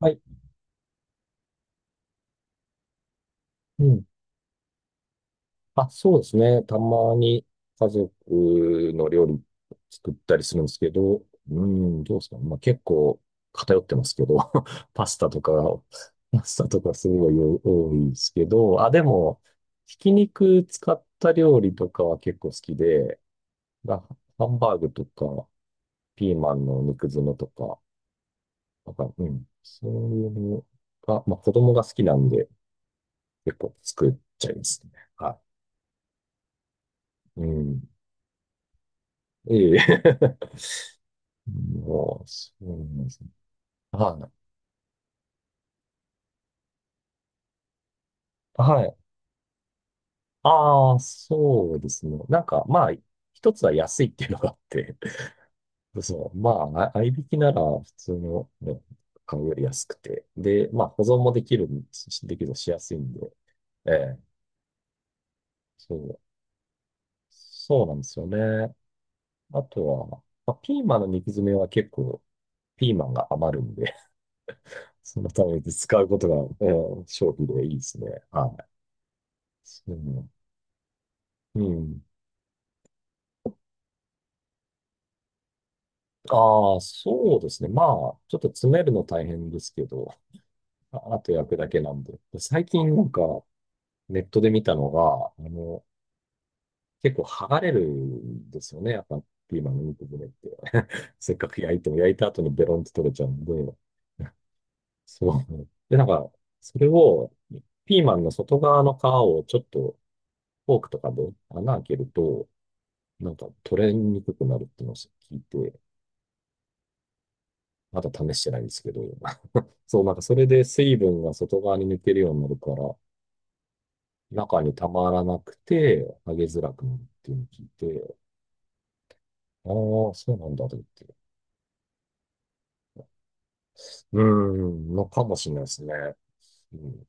はい。うん。あ、そうですね。たまに家族の料理作ったりするんですけど、うん、どうですかね。まあ結構偏ってますけど、パスタとか、パスタとかすごい多いですけど、あ、でも、ひき肉使った料理とかは結構好きで、まハンバーグとか、ピーマンの肉詰めとか、なんか、うん、そういうのが、まあ子供が好きなんで結構作っちゃいますね。はい。うん。ええ。もう、そうなんですね。はい。はい。ああ、そうですね。なんか、まあ、一つは安いっていうのがあって、そう、まあ、あ合いびきなら普通の、ね、買うより安くて、で、まあ、保存もできるのしやすいんで、ええ、そう、そうなんですよね。あとは、まあ、ピーマンの肉詰めは結構、ピーマンが余るんで、そのために使うことが、ええ、勝利でいいですね。はい。そううん。ああ、そうですね。まあ、ちょっと詰めるの大変ですけど、ああと 焼くだけなんで。最近なんかネットで見たのが、あの、結構剥がれるんですよね。やっぱピーマンの肉骨って。せっかく焼いても焼いた後にベロンって取れちゃうんで。そう。で、なんか、それを、ピーマンの外側の皮をちょっとフォークとかで穴開けると、なんか取れにくくなるっていうのを聞いて、まだ試してないんですけど。そう、なんかそれで水分が外側に抜けるようになるから、中にたまらなくて、揚げづらくなるっていうのを聞いて、ああ、そうなんだと思って。うーん、のかもしれないですね。うん。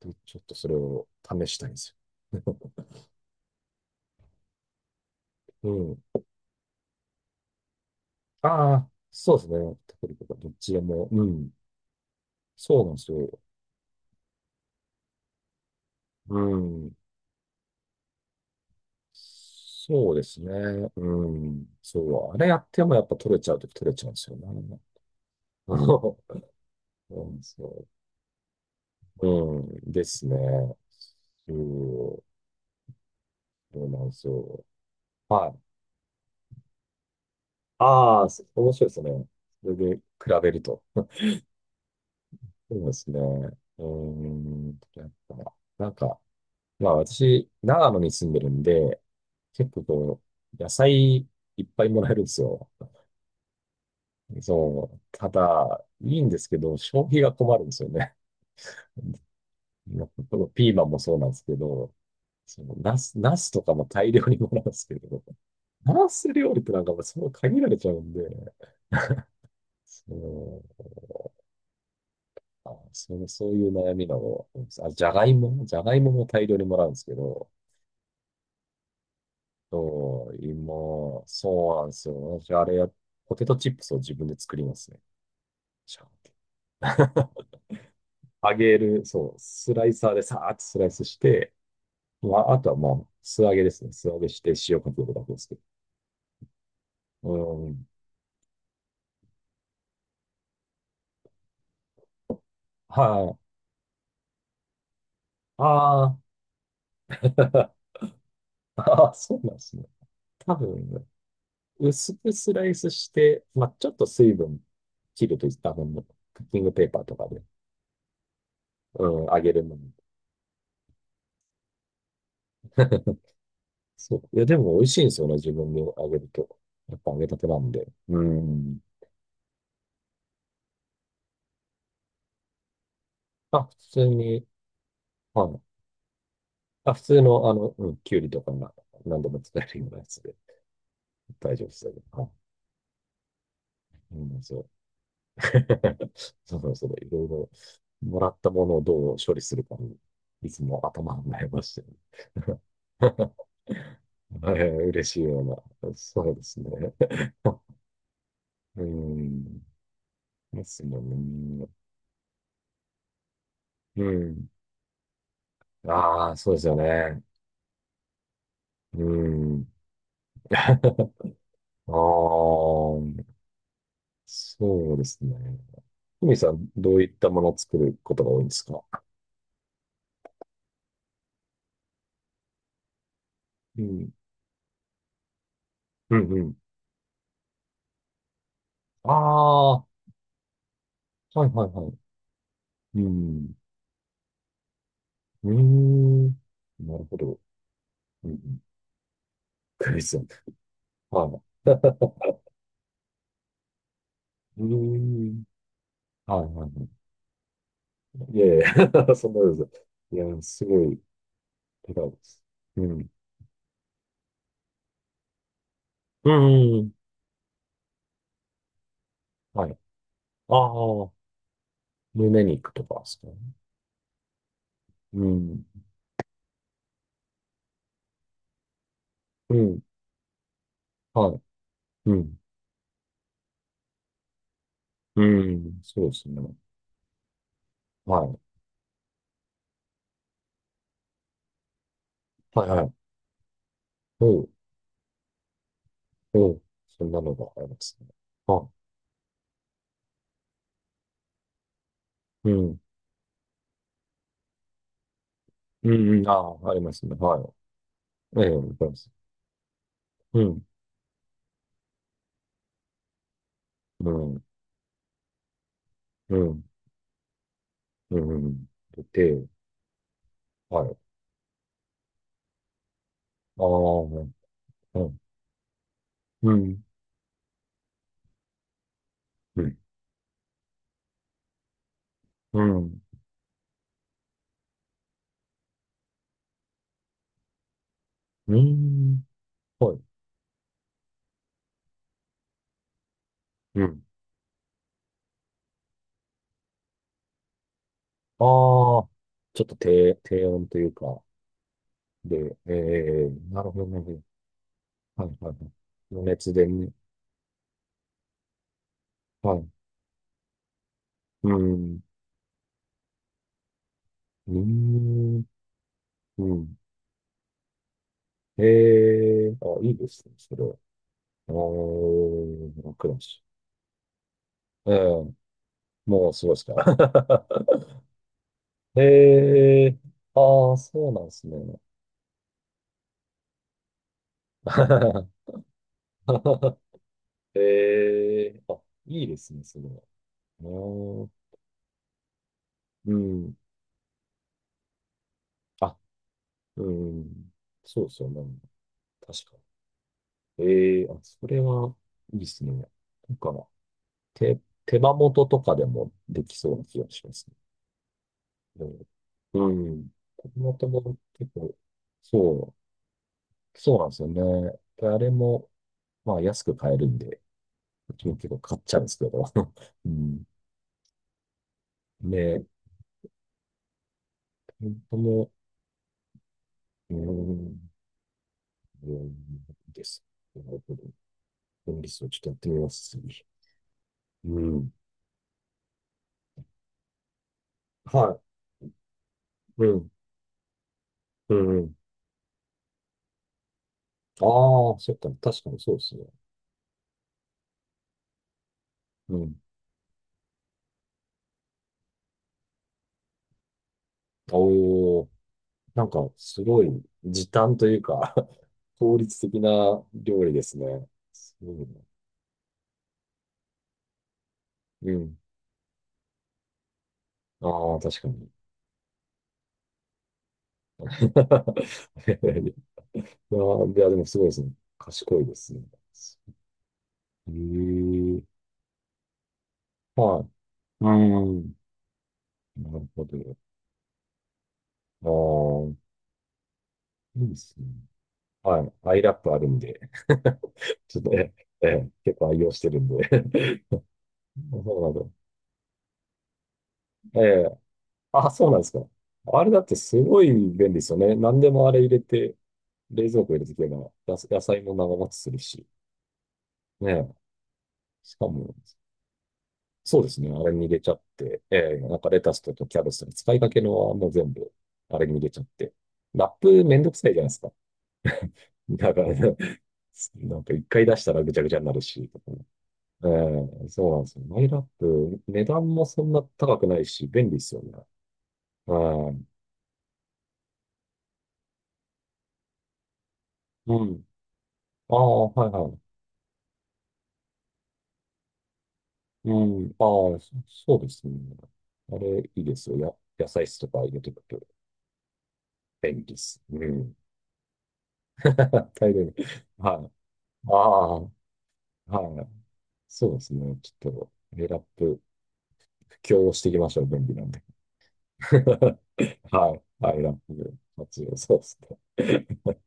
でちょっとそれを試したいんですよ。うん。ああ、そうですね。テクニックがどっちでも。うん。そうなんですよ。うん。そうですね。うん。そう。あれやってもやっぱ取れちゃうとき取れちゃうんですよね。そうなんですよ、そううん、ですね。そう、そうなんですよ。はい。ああ、そ面白いですね。それで比べると。そうですね。うーん、やっぱ、なんか、まあ私、長野に住んでるんで、結構こう、野菜いっぱいもらえるんですよ。そう。ただ、いいんですけど、消費が困るんですよね。このピーマンもそうなんですけど、そのナスとかも大量にもらうんですけど、フランス料理ってなんかもうそう限られちゃうんで、そう、あ、そう、そういう悩みなの。あ、じゃがいもも大量にもらうんですけど、そう、芋、そうなんですよ。私、あれや、ポテトチップスを自分で作りますね。ちゃんと 揚げる、そう、スライサーでさーっとスライスして、まあ、あとはまあ、素揚げですね。素揚げして塩かけるだけですけど。うん。はい。ああ、ああ、そうなんですね。多分ね、薄くスライスして、まあ、ちょっと水分切るといった分のクッキングペーパーとかで、うん、揚げるのに。そう。いや、でも美味しいんですよね、自分で揚げると。やっぱ揚げたてなんで。うん。あ、普通に、はい。あ、普通の、あの、うん、きゅうりとかが何度も使えるようなやつで大丈夫ですよね。はい。うん、そう。そうそうそう、いろいろもらったものをどう処理するかに、いつも頭を悩ましてる。えー嬉しいような。そうですね。うん。ですもんね。うん。ああ、そうですよね。うん。ああ、そうですね。ふみさん、どういったものを作ることが多いんですか？うん。うん、うん。ああ、はいはいはい。うん。うん。なるほど。うん。クイズ。はい。うん。はいはいはい。いやいや、そんなことです。いや、すごい。違うです。うん。うん。うんはい。ああ、胸肉とかですかね。うん。うん。はい。うん。うん。そうですね。はい。はいはい。おう、おう。そんなのがありますね。はい。うん。うん、うん。ああ、ありますね。はい。ええ、あります。うん。うん。うん。うん。で、はい。ああ、うん。うん。うん。うん。うん。はい。うん。ああ、ちょっと低音というか、で、えー、なるほどね。はいはいはい。余熱でね。はい。うん。うん。うん。ええー、あ、いいですね、それは。あー、クラッシュ。うん。もうすごいですか？ええー、ああ、そうなんですね。ええー、あ、いいですね、それは。うーん。うん。あ、うん。そうですよね。確かに。ええー、あ、それは、いいですね。なんか、手、手羽元とかでもできそうな気がしますね。うん。うん手羽元も結構、そう、そうなんですよね。であれも、まあ安く買えるんで、うちも結構買っちゃうんですけど。うん。ね、本当も、うん、うんです。なるほど。分離数をちょっとやってみます、次。うん。はい。うん。うん。ああ、そっか。確かにそうですね。うん。おお。なんか、すごい時短というか 効率的な料理ですね。すごいなうん。ああ、確かに。いやー、いやでもすごいですね。賢いですね。へえ、はい。うん。なるほど。ああ、いいですね。はい。アイラップあるんで。ちょっと、ええ、ええ結構愛用してるんで。そうなんだ。ええ、あ、そうなんですか。あれだってすごい便利ですよね。何でもあれ入れて、冷蔵庫入れてけば、やす野菜も長持ちするし、ね。しかも、そうですね。あれに入れちゃって、えーなんかレタスとかキャベツとか使いかけのはもう全部、あれに入れちゃって。ラップめんどくさいじゃないですか。だから、ね なんか一回出したらぐちゃぐちゃになるし、とかね。ええそうなんですよ。マイラップ、値段もそんな高くないし、便利ですよね。うん。うん。ああ、はいはい。うん。ああ、そそうですね。あれ、いいですよ。や、野菜室とか入れてくと。便利です。うん。大量に。はい。ああ、はい。そうですね。ちょっと、エラップ、布教をしていきましょう。便利なんで。はい。はい、ラップ活用、そうですね。はい